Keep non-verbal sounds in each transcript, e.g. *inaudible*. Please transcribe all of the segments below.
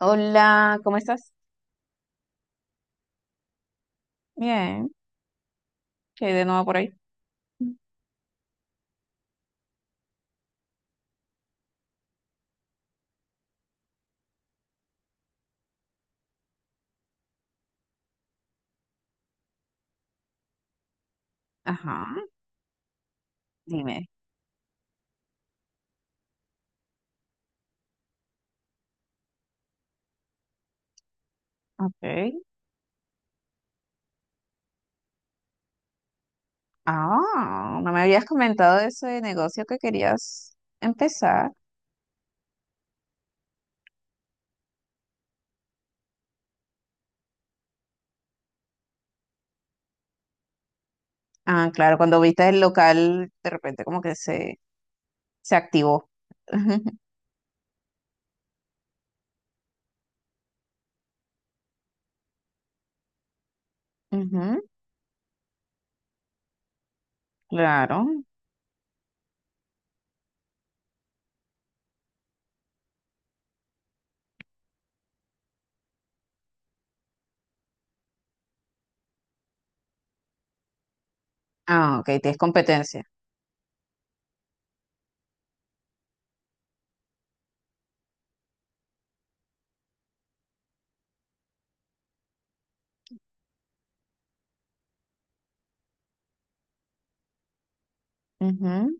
Hola, ¿cómo estás? Bien, ¿qué hay de nuevo por ahí? Ajá, dime. Ok. Ah, no me habías comentado de ese negocio que querías empezar. Ah, claro, cuando viste el local, de repente como que se activó. *laughs* Ujú. Claro. Ah, ok, tienes competencia. Ujú.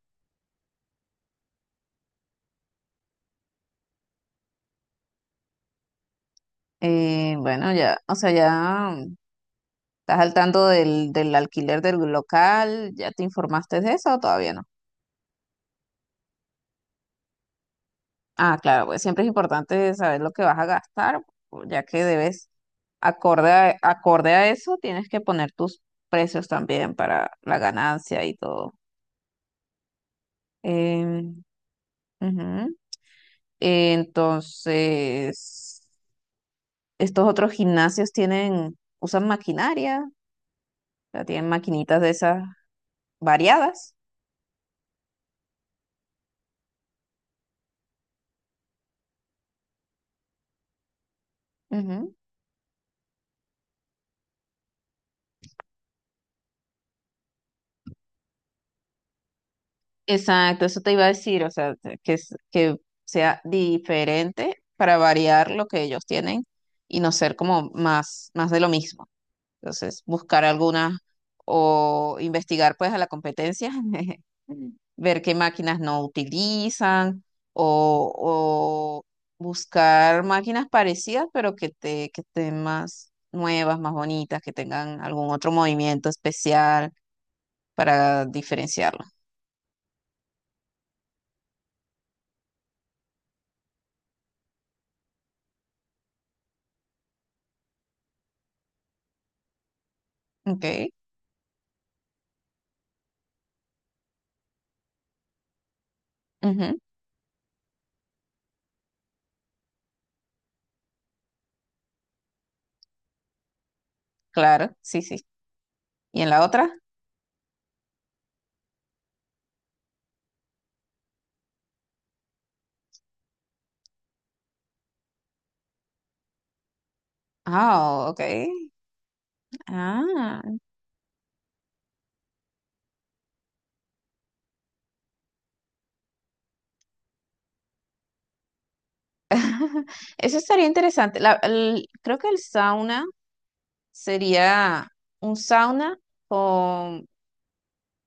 Bueno, ya, o sea, ya estás al tanto del alquiler del local, ¿ya te informaste de eso o todavía no? Ah, claro, pues siempre es importante saber lo que vas a gastar, pues, ya que debes, acorde a eso, tienes que poner tus precios también para la ganancia y todo. Em, ujú. Entonces, estos otros gimnasios tienen, usan maquinaria. O sea, tienen maquinitas de esas variadas. Ujú. Exacto, eso te iba a decir, o sea, que, que sea diferente para variar lo que ellos tienen y no ser como más, más de lo mismo. Entonces, buscar alguna o investigar pues a la competencia, *laughs* ver qué máquinas no utilizan o buscar máquinas parecidas, pero que estén más nuevas, más bonitas, que tengan algún otro movimiento especial para diferenciarlo. Ok, ujú, claro, sí, sí. ¿Y en la otra? Ah, ok. Ah, *laughs* eso estaría interesante. Creo que el sauna sería un sauna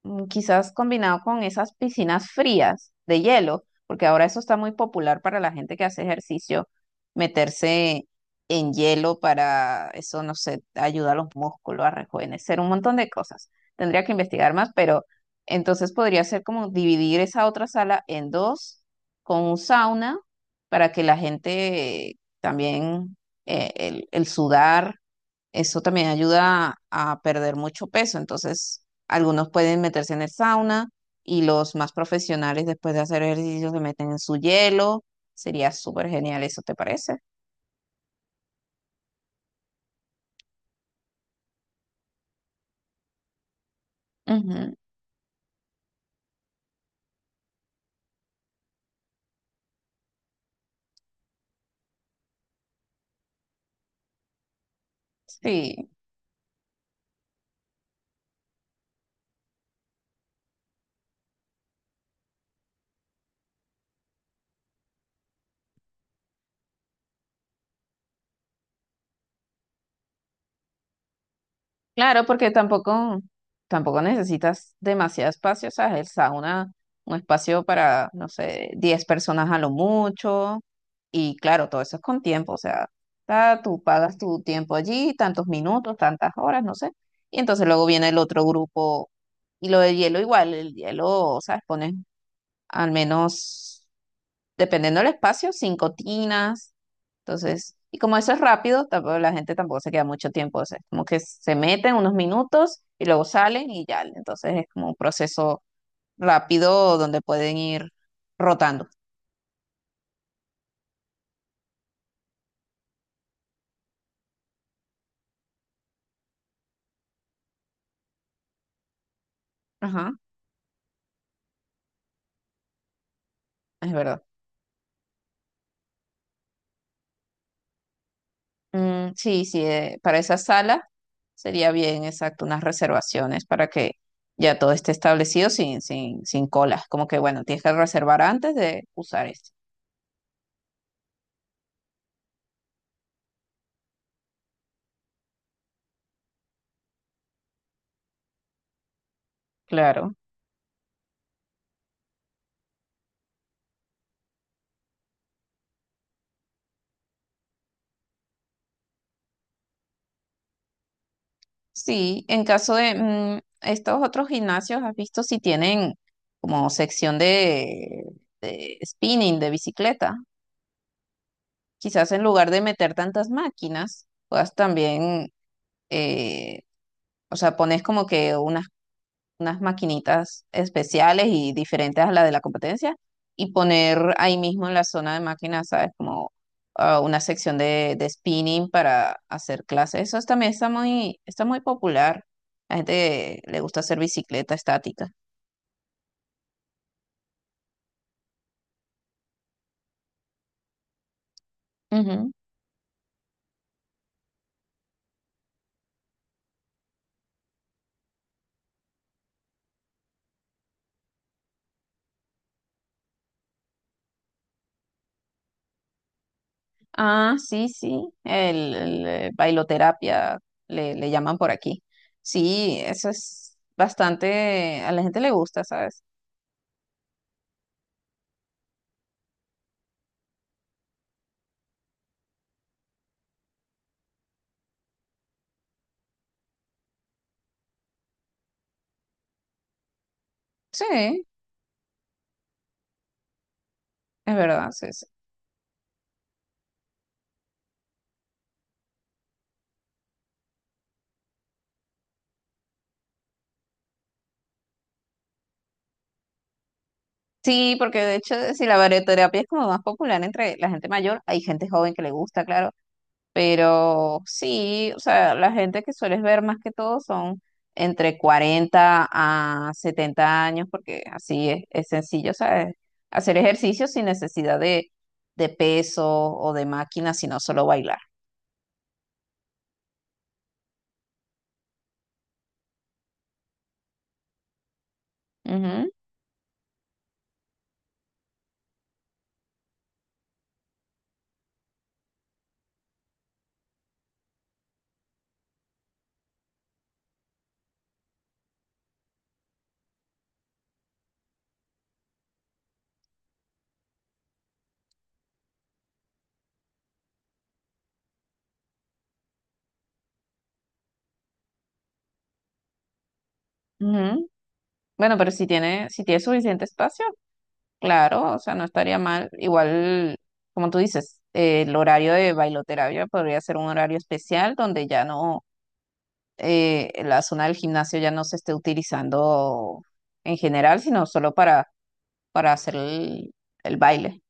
quizás combinado con esas piscinas frías de hielo, porque ahora eso está muy popular para la gente que hace ejercicio, meterse en hielo para eso, no sé, ayuda a los músculos a rejuvenecer, un montón de cosas. Tendría que investigar más, pero entonces podría ser como dividir esa otra sala en dos con un sauna para que la gente también, el sudar eso también ayuda a perder mucho peso. Entonces, algunos pueden meterse en el sauna y los más profesionales después de hacer ejercicio se meten en su hielo. Sería súper genial, ¿eso te parece? Ujú, sí. Claro, porque tampoco, tampoco necesitas demasiado espacio, o sea, el sauna, un espacio para, no sé, 10 personas a lo mucho, y claro, todo eso es con tiempo, o sea, tú pagas tu tiempo allí, tantos minutos, tantas horas, no sé, y entonces luego viene el otro grupo, y lo de hielo igual, el hielo, o sea, pones al menos dependiendo del espacio, cinco tinas. Entonces, y como eso es rápido, tampoco la gente tampoco se queda mucho tiempo. O sea, es como que se meten unos minutos y luego salen y ya. Entonces es como un proceso rápido donde pueden ir rotando. Ajá, es verdad. Sí, sí, para esa sala sería bien, exacto, unas reservaciones para que ya todo esté establecido sin colas. Como que, bueno, tienes que reservar antes de usar esto. Claro. Sí, en caso de estos otros gimnasios, ¿has visto si tienen como sección de spinning, de bicicleta? Quizás en lugar de meter tantas máquinas, puedas también, eh, o sea, pones como que unas unas maquinitas especiales y diferentes a la de la competencia y poner ahí mismo en la zona de máquinas, ¿sabes? Como ah, una sección de spinning para hacer clases. También está muy popular. La gente le gusta hacer bicicleta estática. Ujú. Ah, sí, sí, el, bailoterapia le llaman por aquí. Sí, eso es bastante, a la gente le gusta, ¿sabes? Sí, es verdad, sí, sí. Sí, porque de hecho, si la barioterapia es como más popular entre la gente mayor, hay gente joven que le gusta, claro, pero sí, o sea, la gente que sueles ver más que todo son entre 40 a 70 años, porque así es sencillo, ¿sabes? Hacer ejercicio sin necesidad de peso o de máquina, sino solo bailar. Ujú, ujú. Bueno, pero si tiene, si tiene suficiente espacio. Claro, o sea, no estaría mal. Igual, como tú dices, el horario de bailoterapia podría ser un horario especial donde ya no, la zona del gimnasio ya no se esté utilizando en general, sino solo para hacer el baile.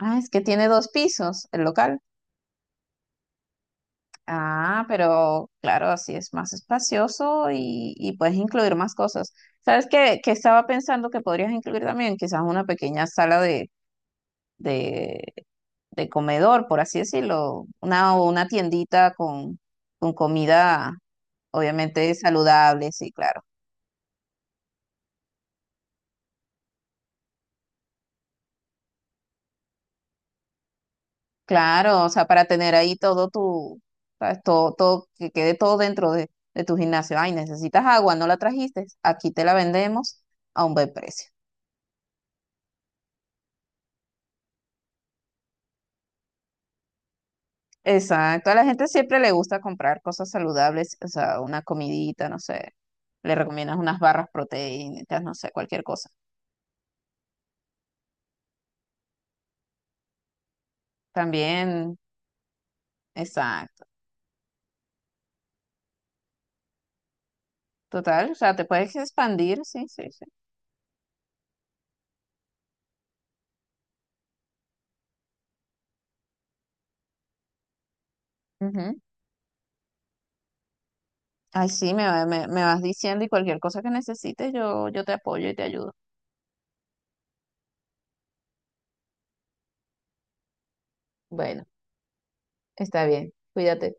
Ah, es que tiene dos pisos el local. Ah, pero claro, así es más espacioso y puedes incluir más cosas. ¿Sabes qué, que estaba pensando que podrías incluir también? Quizás una pequeña sala de de comedor, por así decirlo, una tiendita con comida, obviamente saludable, sí, claro. Claro, o sea, para tener ahí todo tu, sabes, todo, todo, que quede todo dentro de tu gimnasio. Ay, necesitas agua, no la trajiste, aquí te la vendemos a un buen precio. Exacto, a la gente siempre le gusta comprar cosas saludables, o sea, una comidita, no sé, le recomiendas unas barras proteínicas, no sé, cualquier cosa. También, exacto. Total, o sea, te puedes expandir, sí, sí, sí. Ujú. Ay, sí, me vas diciendo y cualquier cosa que necesites, yo te apoyo y te ayudo. Bueno, está bien. Cuídate.